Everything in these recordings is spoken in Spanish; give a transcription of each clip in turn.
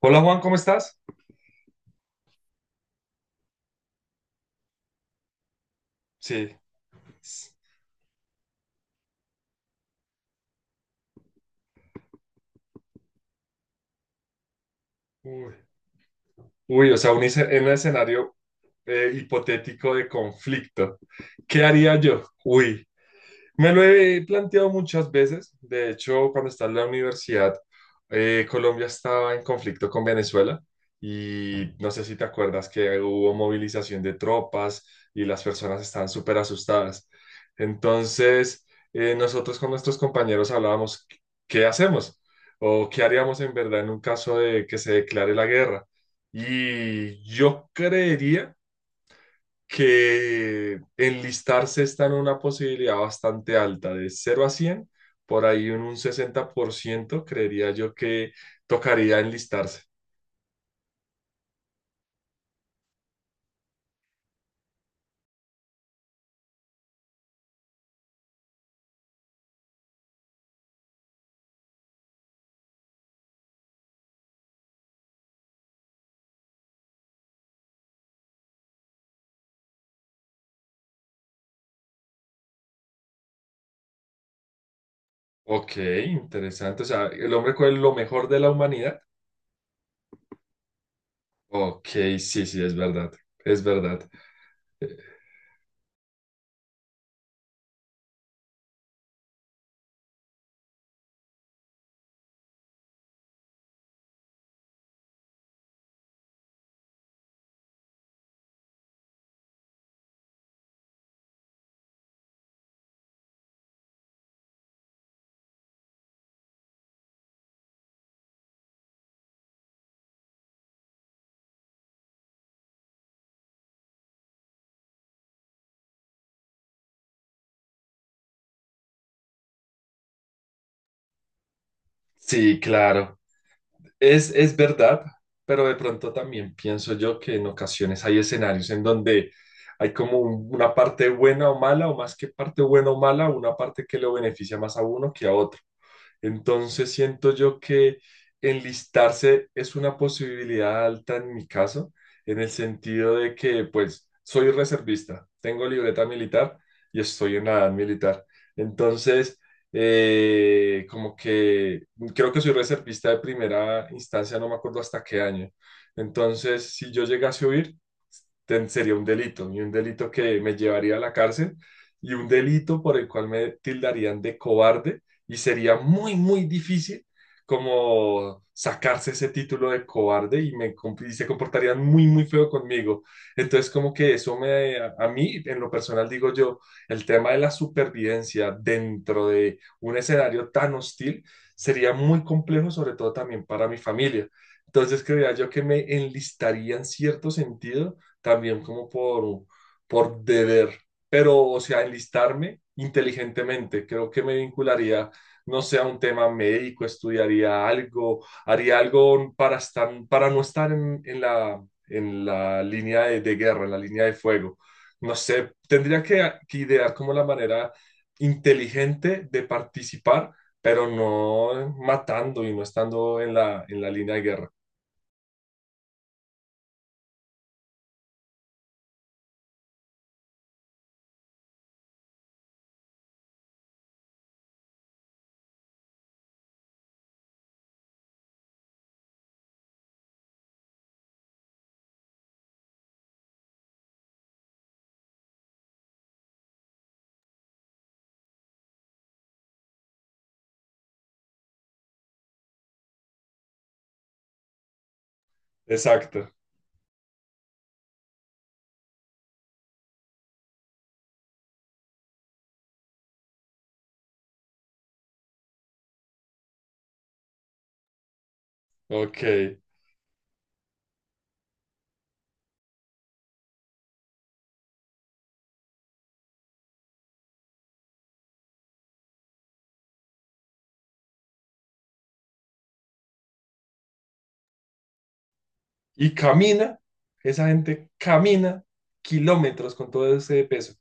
Hola Juan, ¿cómo estás? Sí. Uy, uy, o sea, en un escenario hipotético de conflicto. ¿Qué haría yo? Uy, me lo he planteado muchas veces. De hecho, cuando estaba en la universidad, Colombia estaba en conflicto con Venezuela y no sé si te acuerdas que hubo movilización de tropas y las personas estaban súper asustadas. Entonces, nosotros con nuestros compañeros hablábamos, ¿qué hacemos? ¿O qué haríamos en verdad en un caso de que se declare la guerra? Y yo creería que enlistarse está en una posibilidad bastante alta, de 0 a 100, por ahí en un 60% creería yo que tocaría enlistarse. Ok, interesante. O sea, el hombre con lo mejor de la humanidad. Ok, sí, sí, es verdad, es verdad. Eh, Sí, claro. Es verdad, pero de pronto también pienso yo que en ocasiones hay escenarios en donde hay como una parte buena o mala, o más que parte buena o mala, una parte que lo beneficia más a uno que a otro. Entonces siento yo que enlistarse es una posibilidad alta en mi caso, en el sentido de que pues soy reservista, tengo libreta militar y estoy en la edad militar. Entonces, como que creo que soy reservista de primera instancia, no me acuerdo hasta qué año. Entonces, si yo llegase a huir, sería un delito, y un delito que me llevaría a la cárcel, y un delito por el cual me tildarían de cobarde y sería muy, muy difícil como sacarse ese título de cobarde y se comportarían muy, muy feo conmigo. Entonces, como que eso me, a mí, en lo personal, digo yo, el tema de la supervivencia dentro de un escenario tan hostil sería muy complejo, sobre todo también para mi familia. Entonces, creía yo que me enlistaría en cierto sentido, también como por deber, pero, o sea, enlistarme inteligentemente. Creo que me vincularía no sea un tema médico, estudiaría algo, haría algo para estar, para no estar en la línea de guerra, en la línea de fuego. No sé, tendría que idear como la manera inteligente de participar, pero no matando y no estando en la línea de guerra. Exacto, ok. Y esa gente camina kilómetros con todo ese peso.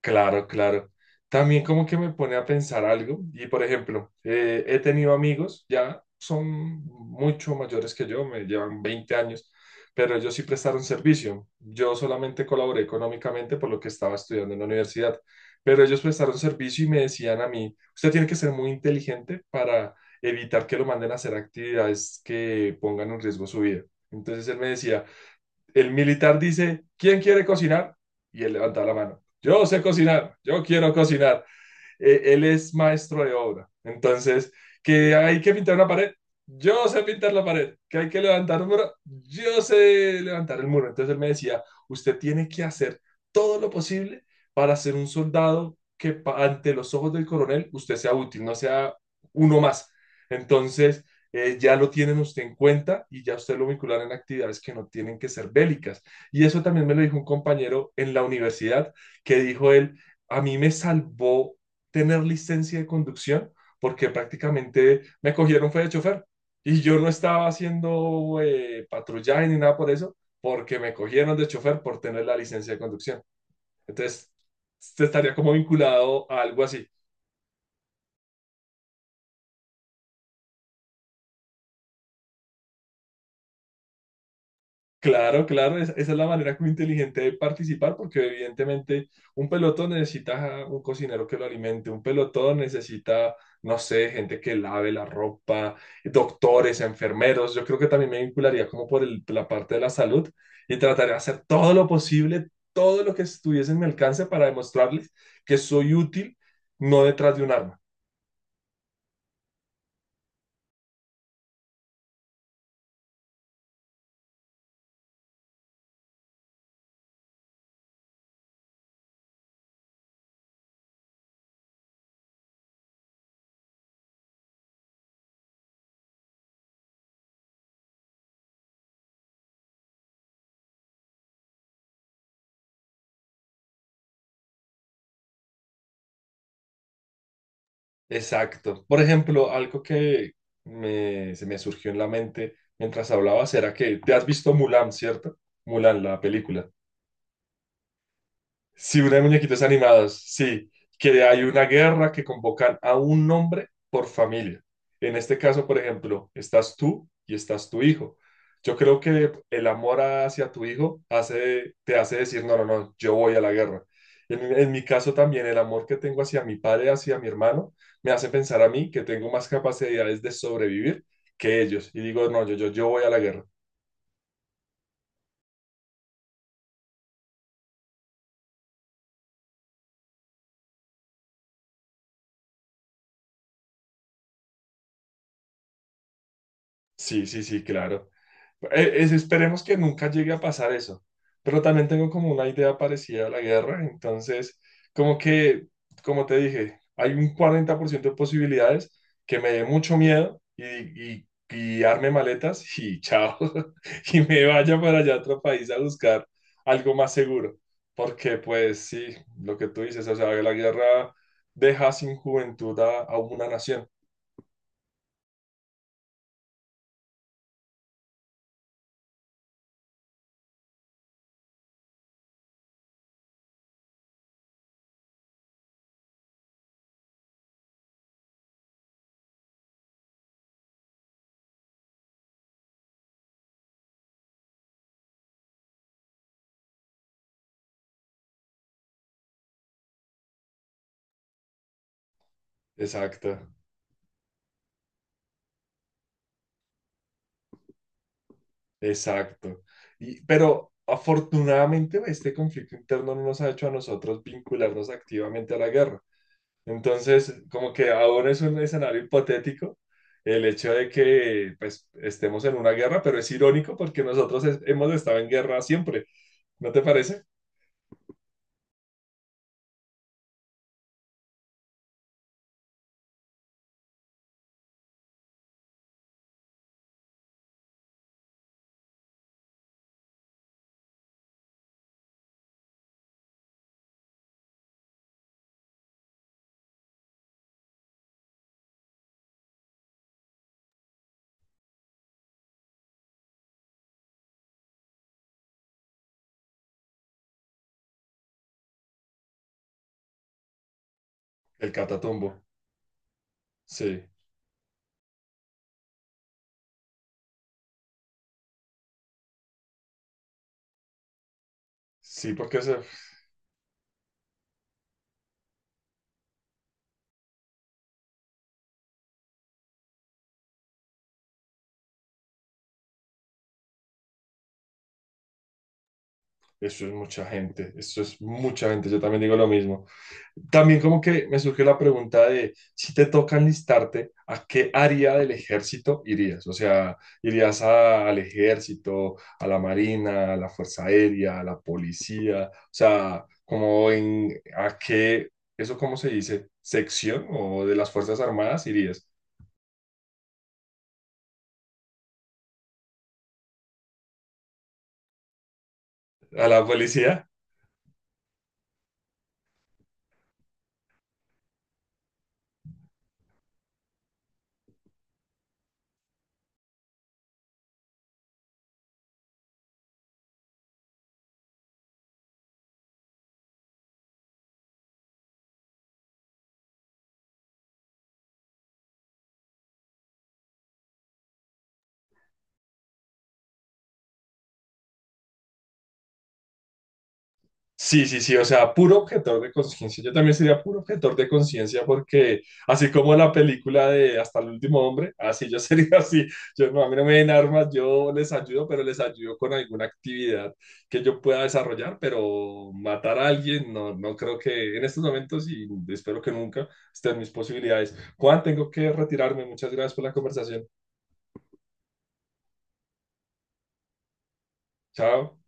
Claro, claro. También como que me pone a pensar algo y por ejemplo, he tenido amigos, ya son mucho mayores que yo, me llevan 20 años, pero ellos sí prestaron servicio. Yo solamente colaboré económicamente por lo que estaba estudiando en la universidad, pero ellos prestaron servicio y me decían a mí, usted tiene que ser muy inteligente para evitar que lo manden a hacer actividades que pongan en riesgo su vida. Entonces él me decía, el militar dice, ¿quién quiere cocinar? Y él levanta la mano. Yo sé cocinar, yo quiero cocinar. Él es maestro de obra. Entonces, que hay que pintar una pared, yo sé pintar la pared, que hay que levantar un muro, yo sé levantar el muro. Entonces él me decía, usted tiene que hacer todo lo posible para ser un soldado que ante los ojos del coronel usted sea útil, no sea uno más. Entonces, ya lo tienen usted en cuenta y ya usted lo vinculará en actividades que no tienen que ser bélicas. Y eso también me lo dijo un compañero en la universidad que dijo él, a mí me salvó tener licencia de conducción porque prácticamente me cogieron fue de chofer y yo no estaba haciendo patrullaje ni nada por eso porque me cogieron de chofer por tener la licencia de conducción. Entonces, este estaría como vinculado a algo así. Claro, claro, esa es la manera como inteligente de participar, porque evidentemente un pelotón necesita un cocinero que lo alimente, un pelotón necesita, no sé, gente que lave la ropa, doctores, enfermeros. Yo creo que también me vincularía como por la parte de la salud y trataría de hacer todo lo posible, todo lo que estuviese en mi alcance para demostrarles que soy útil, no detrás de un arma. Exacto. Por ejemplo, algo que se me surgió en la mente mientras hablabas era que te has visto Mulan, ¿cierto? Mulan, la película. Sí, una de muñequitos animados, sí, que hay una guerra que convocan a un nombre por familia. En este caso, por ejemplo, estás tú y estás tu hijo. Yo creo que el amor hacia tu hijo hace, te hace decir, no, no, no, yo voy a la guerra. En mi caso también, el amor que tengo hacia mi padre, hacia mi hermano, me hace pensar a mí que tengo más capacidades de sobrevivir que ellos. Y digo, no, yo voy a la guerra. Sí, sí, sí, claro. E- Esperemos que nunca llegue a pasar eso, pero también tengo como una idea parecida a la guerra, entonces como que, como te dije, hay un 40% de posibilidades que me dé mucho miedo y arme maletas y chao, y me vaya para allá a otro país a buscar algo más seguro, porque pues sí, lo que tú dices, o sea, la guerra deja sin juventud a una nación. Exacto. Exacto. Y, pero afortunadamente este conflicto interno no nos ha hecho a nosotros vincularnos activamente a la guerra. Entonces, como que ahora es un escenario hipotético el hecho de que pues, estemos en una guerra, pero es irónico porque nosotros hemos estado en guerra siempre. ¿No te parece? El Catatumbo. Sí, sí, porque eso, es mucha gente, eso es mucha gente. Yo también digo lo mismo. También como que me surge la pregunta de si te toca enlistarte, ¿a qué área del ejército irías? O sea, ¿irías al ejército, a la marina, a la fuerza aérea, a la policía? O sea, como en a qué, eso cómo se dice, ¿sección o de las fuerzas armadas irías? ¿A la policía? Sí, sí, sí, o sea, puro objetor de conciencia. Yo también sería puro objetor de conciencia porque así como la película de Hasta el último hombre, así yo sería así. Yo no, a mí no me den armas, yo les ayudo, pero les ayudo con alguna actividad que yo pueda desarrollar, pero matar a alguien no, no creo que en estos momentos y espero que nunca estén mis posibilidades. Juan, tengo que retirarme. Muchas gracias por la conversación. Chao.